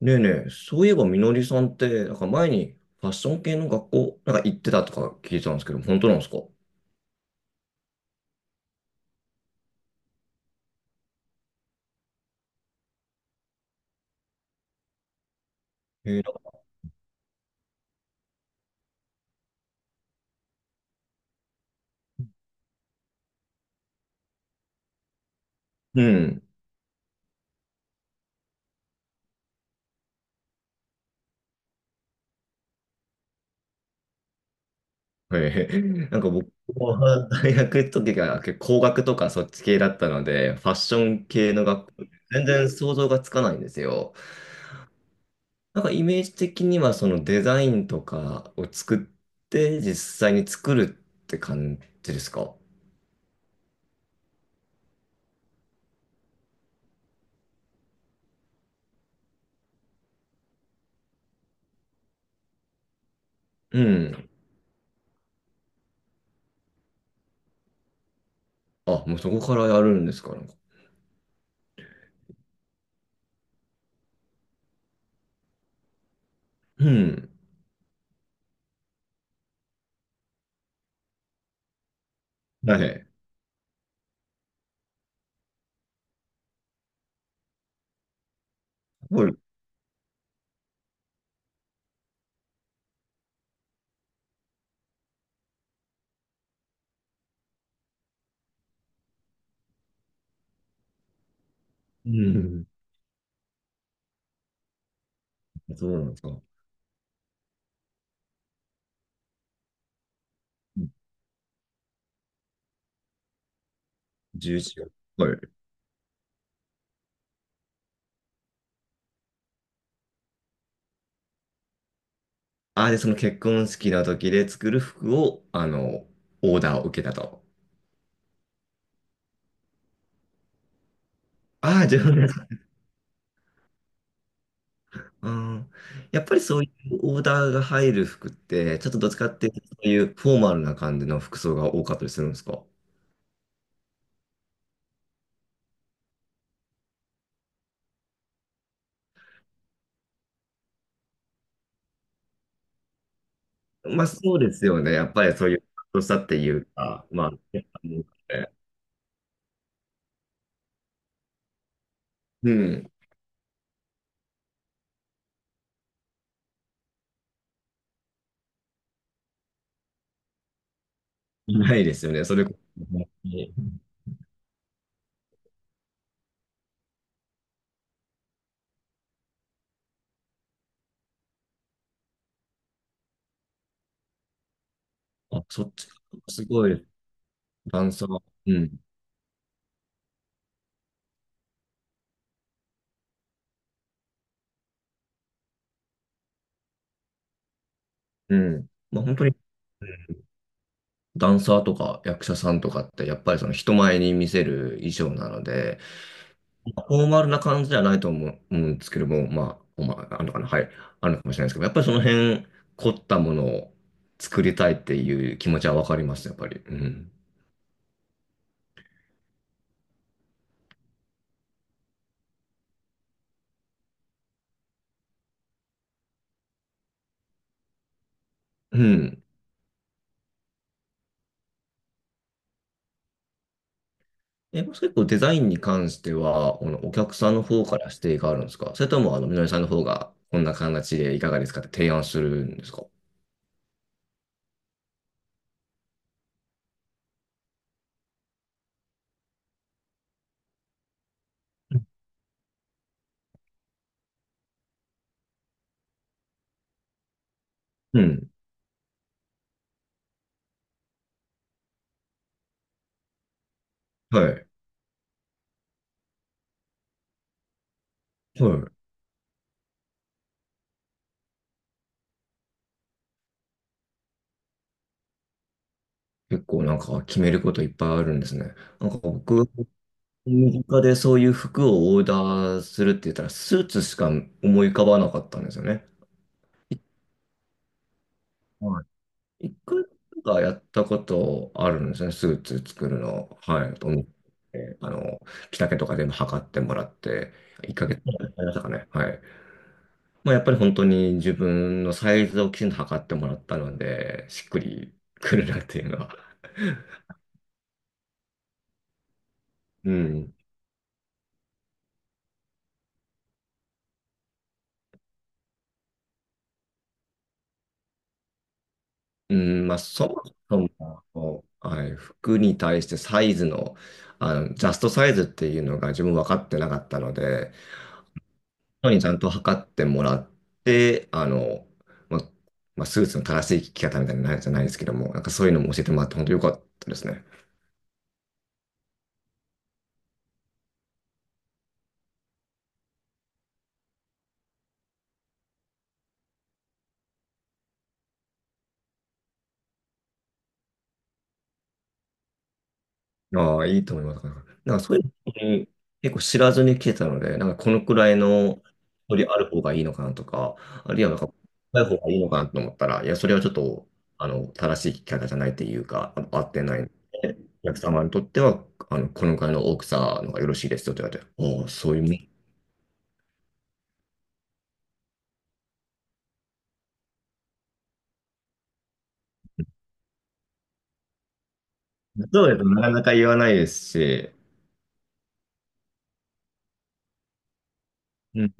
ねえねえ、そういえばみのりさんって、なんか前にファッション系の学校、なんか行ってたとか聞いてたんですけど、本当なんですか？えーなんかうん。なんか僕は 大学の時が結構工学とかそっち系だったので、ファッション系の学校、全然想像がつかないんですよ。なんかイメージ的にはそのデザインとかを作って実際に作るって感じですか？うん。あ、もうそこからやるんですか、なんか。うん。はい。すごい。うん。そうなんですか。11、はい。あ、で、その結婚式の時で作る服を、あの、オーダーを受けたと。ああ、じゃあ。うん。やっぱりそういうオーダーが入る服って、ちょっとどっちかっていうと、そういうフォーマルな感じの服装が多かったりするんですか？まあ、そうですよね。やっぱりそういう、としたっていうか、まあ、やっぱり。うん。いないですよね、それこそ。あ、そっち、すごい、ダンサー。うん。うん。まあ、本当に。ダンサーとか役者さんとかってやっぱりその人前に見せる衣装なので、フォーマルな感じじゃないと思うんですけども、まあ、まあ、あるのかな、はい、あるのかもしれないですけど、やっぱりその辺凝ったものを作りたいっていう気持ちはわかります、やっぱり。うん。うん。え、もし結構デザインに関しては、このお客さんの方から指定があるんですか、それとも、あの、みのりさんの方が、こんな形でいかがですかって提案するんですか？うん。はい。はい。結構なんか決めることいっぱいあるんですね。なんか僕身近でそういう服をオーダーするって言ったら、スーツしか思い浮かばなかったんですよね。はい。一回がやったことあるんですね、スーツ作るの。はい。と思って、あの、着丈とか全部測ってもらって、1ヶ月やりましたかね。はい。まあ、やっぱり本当に自分のサイズをきちんと測ってもらったので、しっくりくるなっていうのは。うん。うん、まあ、そもそも、こう、はい、服に対してサイズの、あの、ジャストサイズっていうのが自分分かってなかったので、人にちゃんと測ってもらって、あの、まあ、まあスーツの正しい着方みたいなのじゃないですけども、なんかそういうのも教えてもらって本当よかったですね。ああ、いいと思います。なんか、なんかそういうの本当に結構知らずに来てたので、なんかこのくらいの距離ある方がいいのかなとか、あるいはなんか、ない方がいいのかなと思ったら、いや、それはちょっと、あの、正しい聞き方じゃないというか、あの合ってないので、お客様にとっては、あの、このくらいの大きさのがよろしいですよと言われて、おお、そういうもん。そうです。なかなか言わないですし、うん。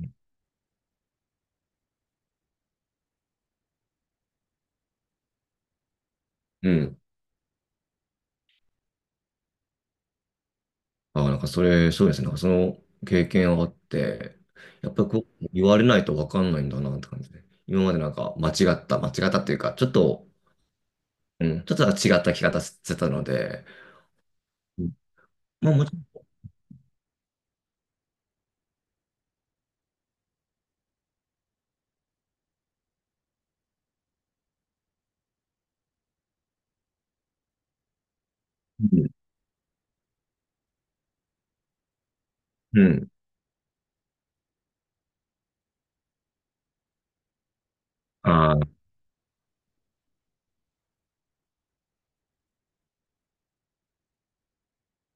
うん。ああ、なんかそれ、そうですね。なんかその経験あって、やっぱりこう言われないとわかんないんだなって感じで。今までなんか間違ったっていうか、ちょっと、うん、ちょっと違った聞き方してたので、うん。まあもちろん、うん。うん。ああ。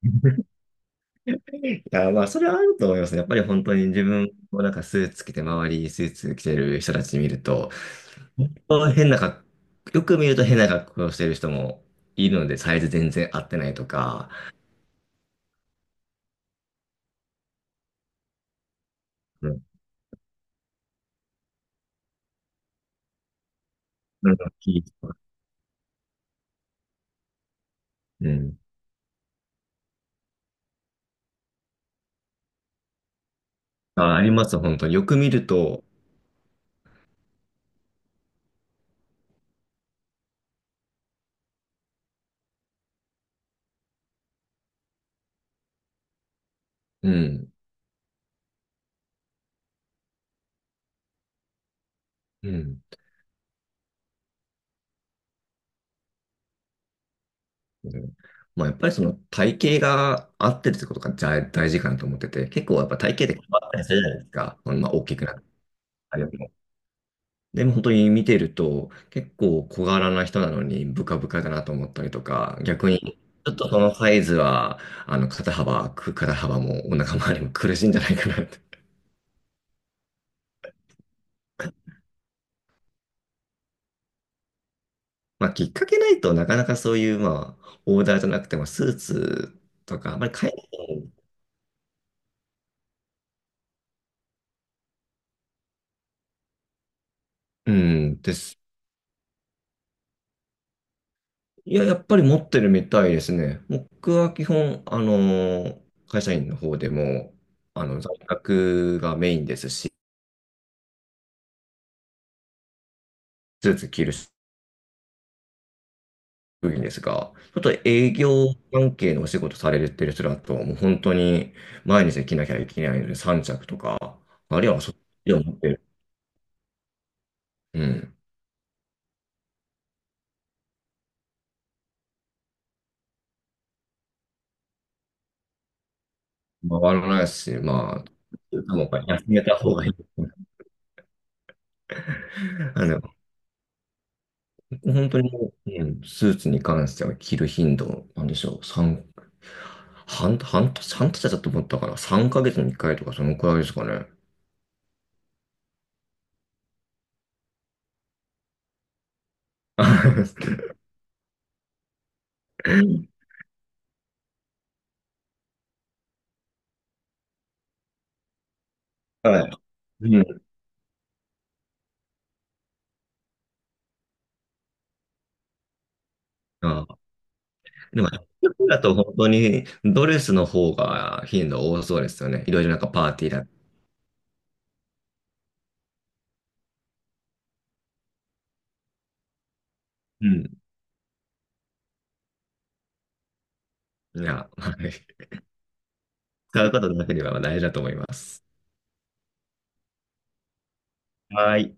いや、まあ、それはあると思いますね。やっぱり本当に自分もなんかスーツ着て、周りスーツ着てる人たち見ると、本当変な格好、よく見ると変な格好をしてる人もいるので、サイズ全然合ってないとか、うん、うん。うん。あ、あります、本当に。よく見ると、うん、うん。うん。まあ、やっぱりその体型が合ってるってことが大大事かなと思ってて、結構やっぱ体型で変わったりするじゃないですか。まあ、大きくなったりも。でも本当に見てると、結構小柄な人なのにブカブカだなと思ったりとか、逆に、ちょっとそのサイズは、あの、肩幅、く肩幅もお腹周りも苦しいんじゃないかなって。まあ、きっかけないとなかなかそういう、まあ、オーダーじゃなくてもスーツとか、あんまり海外。うんです。いや、やっぱり持ってるみたいですね。僕は基本、あのー会社員の方でも、あの、在宅がメインですし、スーツ着る職員ですが、ちょっと営業関係のお仕事されてる人だと、もう本当に毎日着なきゃいけないので、3着とか、あるいはそっちを持ってる。うん。回らないし、まあ、多分休めた方がいい。あの、本当にもう、うん、スーツに関しては着る頻度、なんでしょう、三半、半年、半年だと思ったから、3ヶ月に1回とか、そのくらいですかね。はい。うん。あ、でも、服だと本当にドレスの方が頻度多そうですよね。いろいろなんかパーティーだ。うん。いや、はい、使うことだけでは大事だと思います。はい。